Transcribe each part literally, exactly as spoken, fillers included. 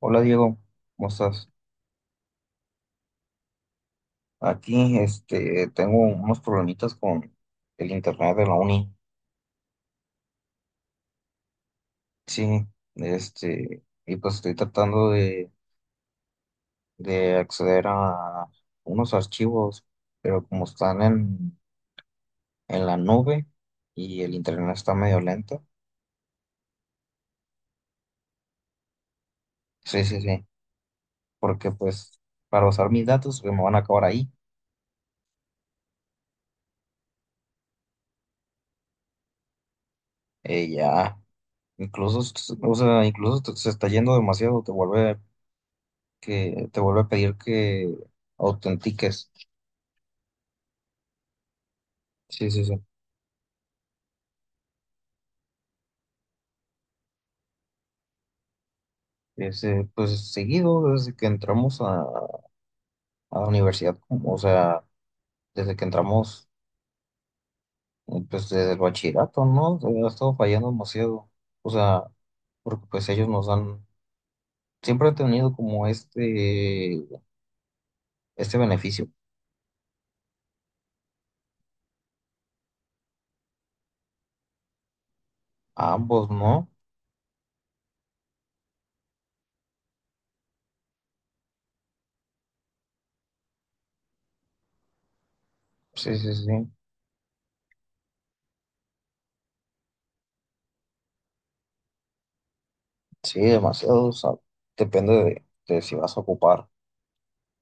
Hola Diego, ¿cómo estás? Aquí este, tengo unos problemitas con el internet de la uni. Sí, este, y pues estoy tratando de, de acceder a unos archivos, pero como están en, en la nube y el internet está medio lento, sí, sí, sí, porque pues para usar mis datos se me van a acabar ahí. Eh, ya, incluso, o sea, incluso se está yendo demasiado, te vuelve que te vuelve a pedir que autentiques. Sí, sí, sí. Ese, pues seguido, desde que entramos a, a la universidad, como- o sea, desde que entramos, eh, pues desde el bachillerato, ¿no? Ha estado fallando demasiado. O sea, porque pues ellos nos han, siempre han tenido como este, este beneficio. A ambos, ¿no? Sí, sí, sí. Sí, demasiado. O sea, depende de, de si vas a ocupar,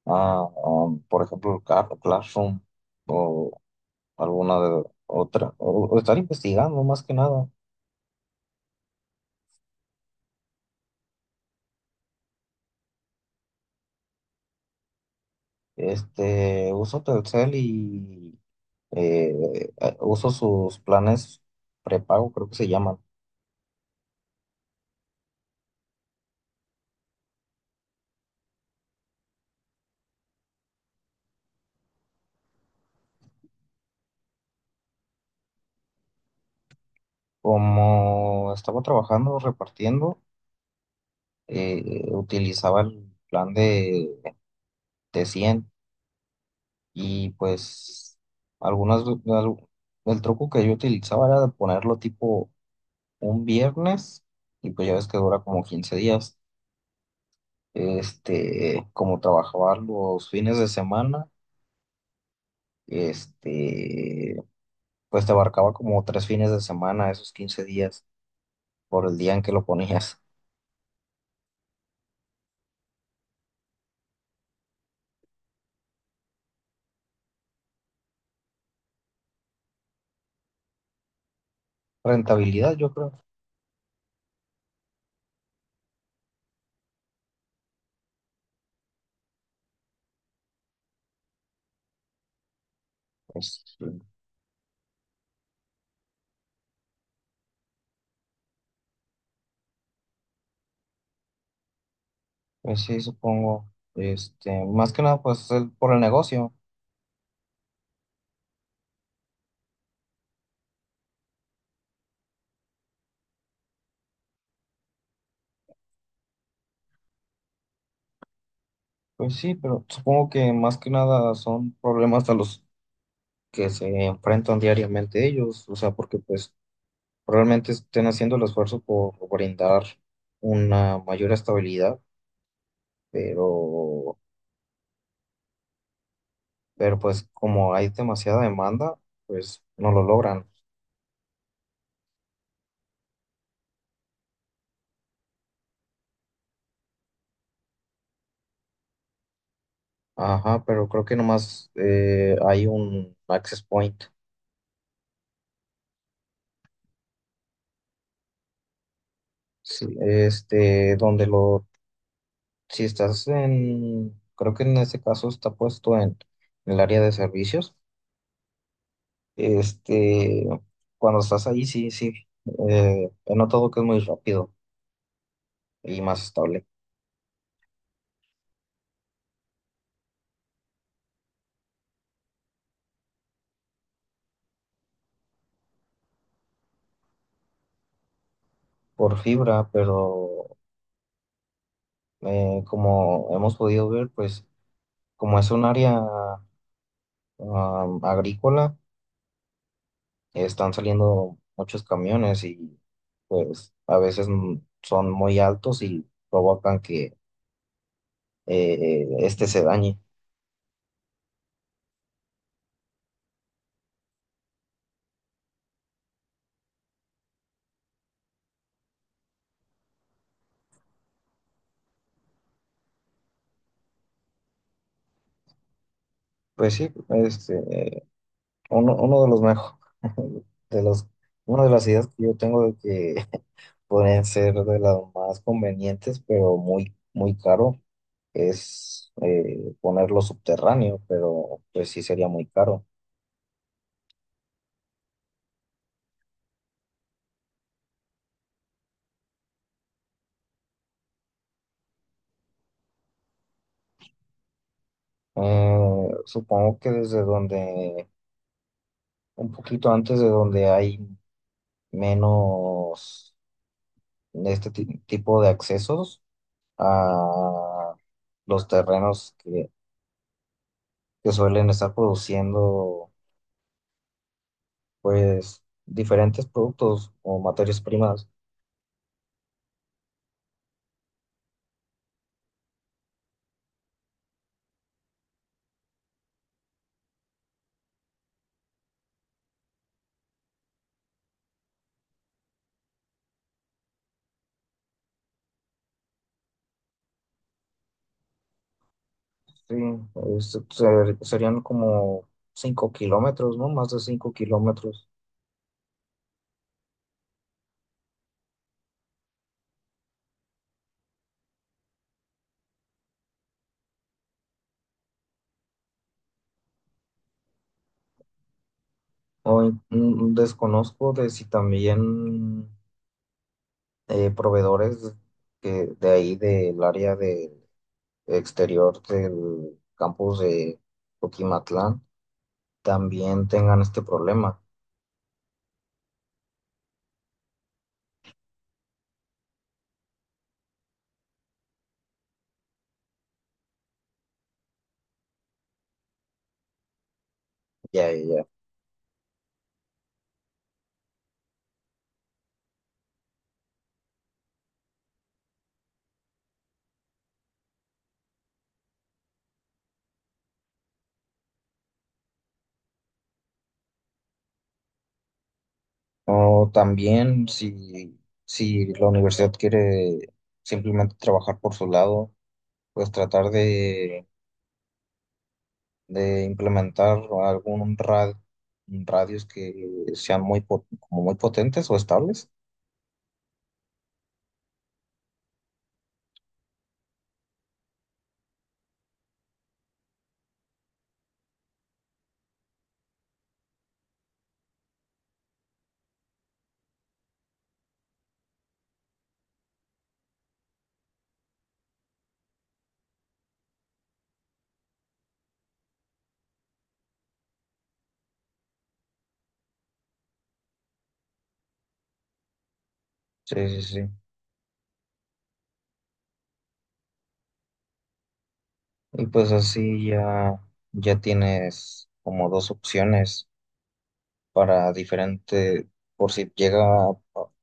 ah, um, por ejemplo, el Car- Classroom. O alguna de otra, o, o estar investigando más que nada. Este, uso Telcel y eh, eh, uso sus planes prepago, creo que se llaman. Como estaba trabajando repartiendo, eh, utilizaba el plan de, de cien y pues algunas, al- el truco que yo utilizaba era de ponerlo tipo un viernes y pues ya ves que dura como quince días. Este, como trabajaba los fines de semana, este, pues te abarcaba como tres fines de semana, esos quince días, por el día en que lo ponías. Rentabilidad, yo creo. Pues, pues sí, supongo. Este, más que nada, pues el- por el negocio. Pues sí, pero supongo que más que nada son problemas a los que se enfrentan diariamente ellos. O sea, porque pues probablemente estén haciendo el esfuerzo por brindar una mayor estabilidad, pero pero pues como hay demasiada demanda, pues no lo logran. Ajá, pero creo que nomás eh, hay un access point, sí, este, donde lo, si estás en, creo que en este caso está puesto en, en el área de servicios, este, cuando estás ahí, sí, sí, eh, he notado que es muy rápido y más estable por fibra, pero eh, como hemos podido ver, pues como es un área um, agrícola, están saliendo muchos camiones y pues a veces mm, son muy altos y provocan que eh, este se dañe. Pues sí, este, eh, uno, uno de los mejores, de los, una de las ideas que yo tengo de que pueden ser de las más convenientes, pero muy, muy caro, es eh, ponerlo subterráneo, pero pues sí sería muy caro. Eh, supongo que desde donde, un poquito antes de donde hay menos de este ti- tipo de accesos a los terrenos que, que suelen estar produciendo pues diferentes productos o materias primas. Sí, es- ser- serían como cinco kilómetros, ¿no? Más de cinco kilómetros. Hoy mm, desconozco de si también eh, proveedores que de ahí del área de exterior del campus de... Coquimatlán también tengan este problema. Ya, ya, ya. O también si, si la universidad quiere simplemente trabajar por su lado, pues tratar de, de implementar algún ra- radios que sean muy, po- como muy potentes o estables. Sí, sí, sí. Y pues así ya, ya tienes como dos opciones para diferente, por si llega a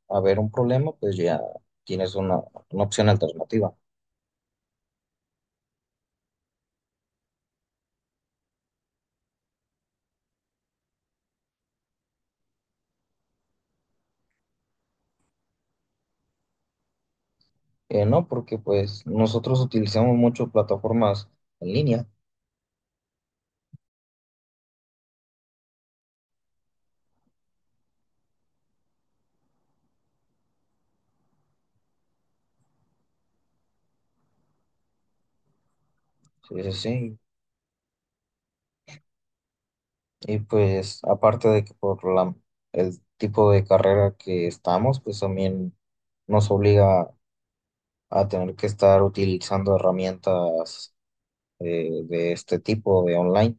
a haber un problema, pues ya tienes una, una opción alternativa. Eh, no, porque pues nosotros utilizamos mucho plataformas en línea, sí, sí, sí. Y pues aparte de que por la, el tipo de carrera que estamos, pues también nos obliga a tener que estar utilizando herramientas eh, de este tipo de online.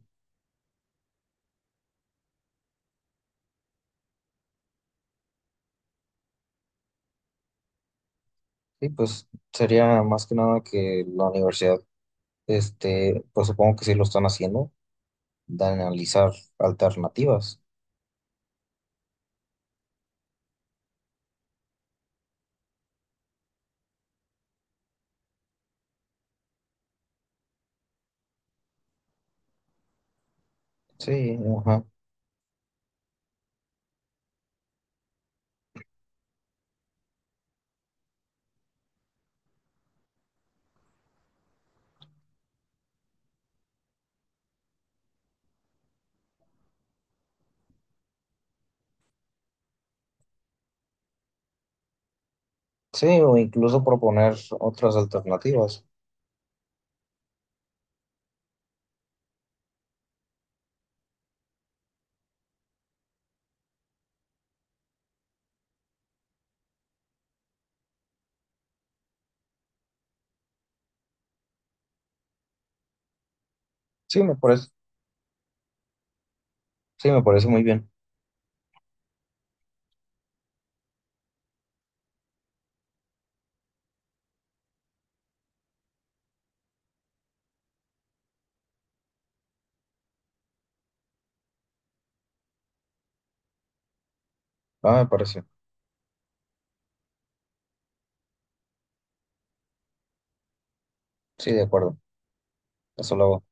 Y pues sería más que nada que la universidad, este, pues supongo que sí lo están haciendo, de analizar alternativas. Sí, ajá. Sí, o incluso proponer otras alternativas. Sí, me parece, sí, me parece muy bien. Ah, me parece. Sí, de acuerdo. Eso lo hago.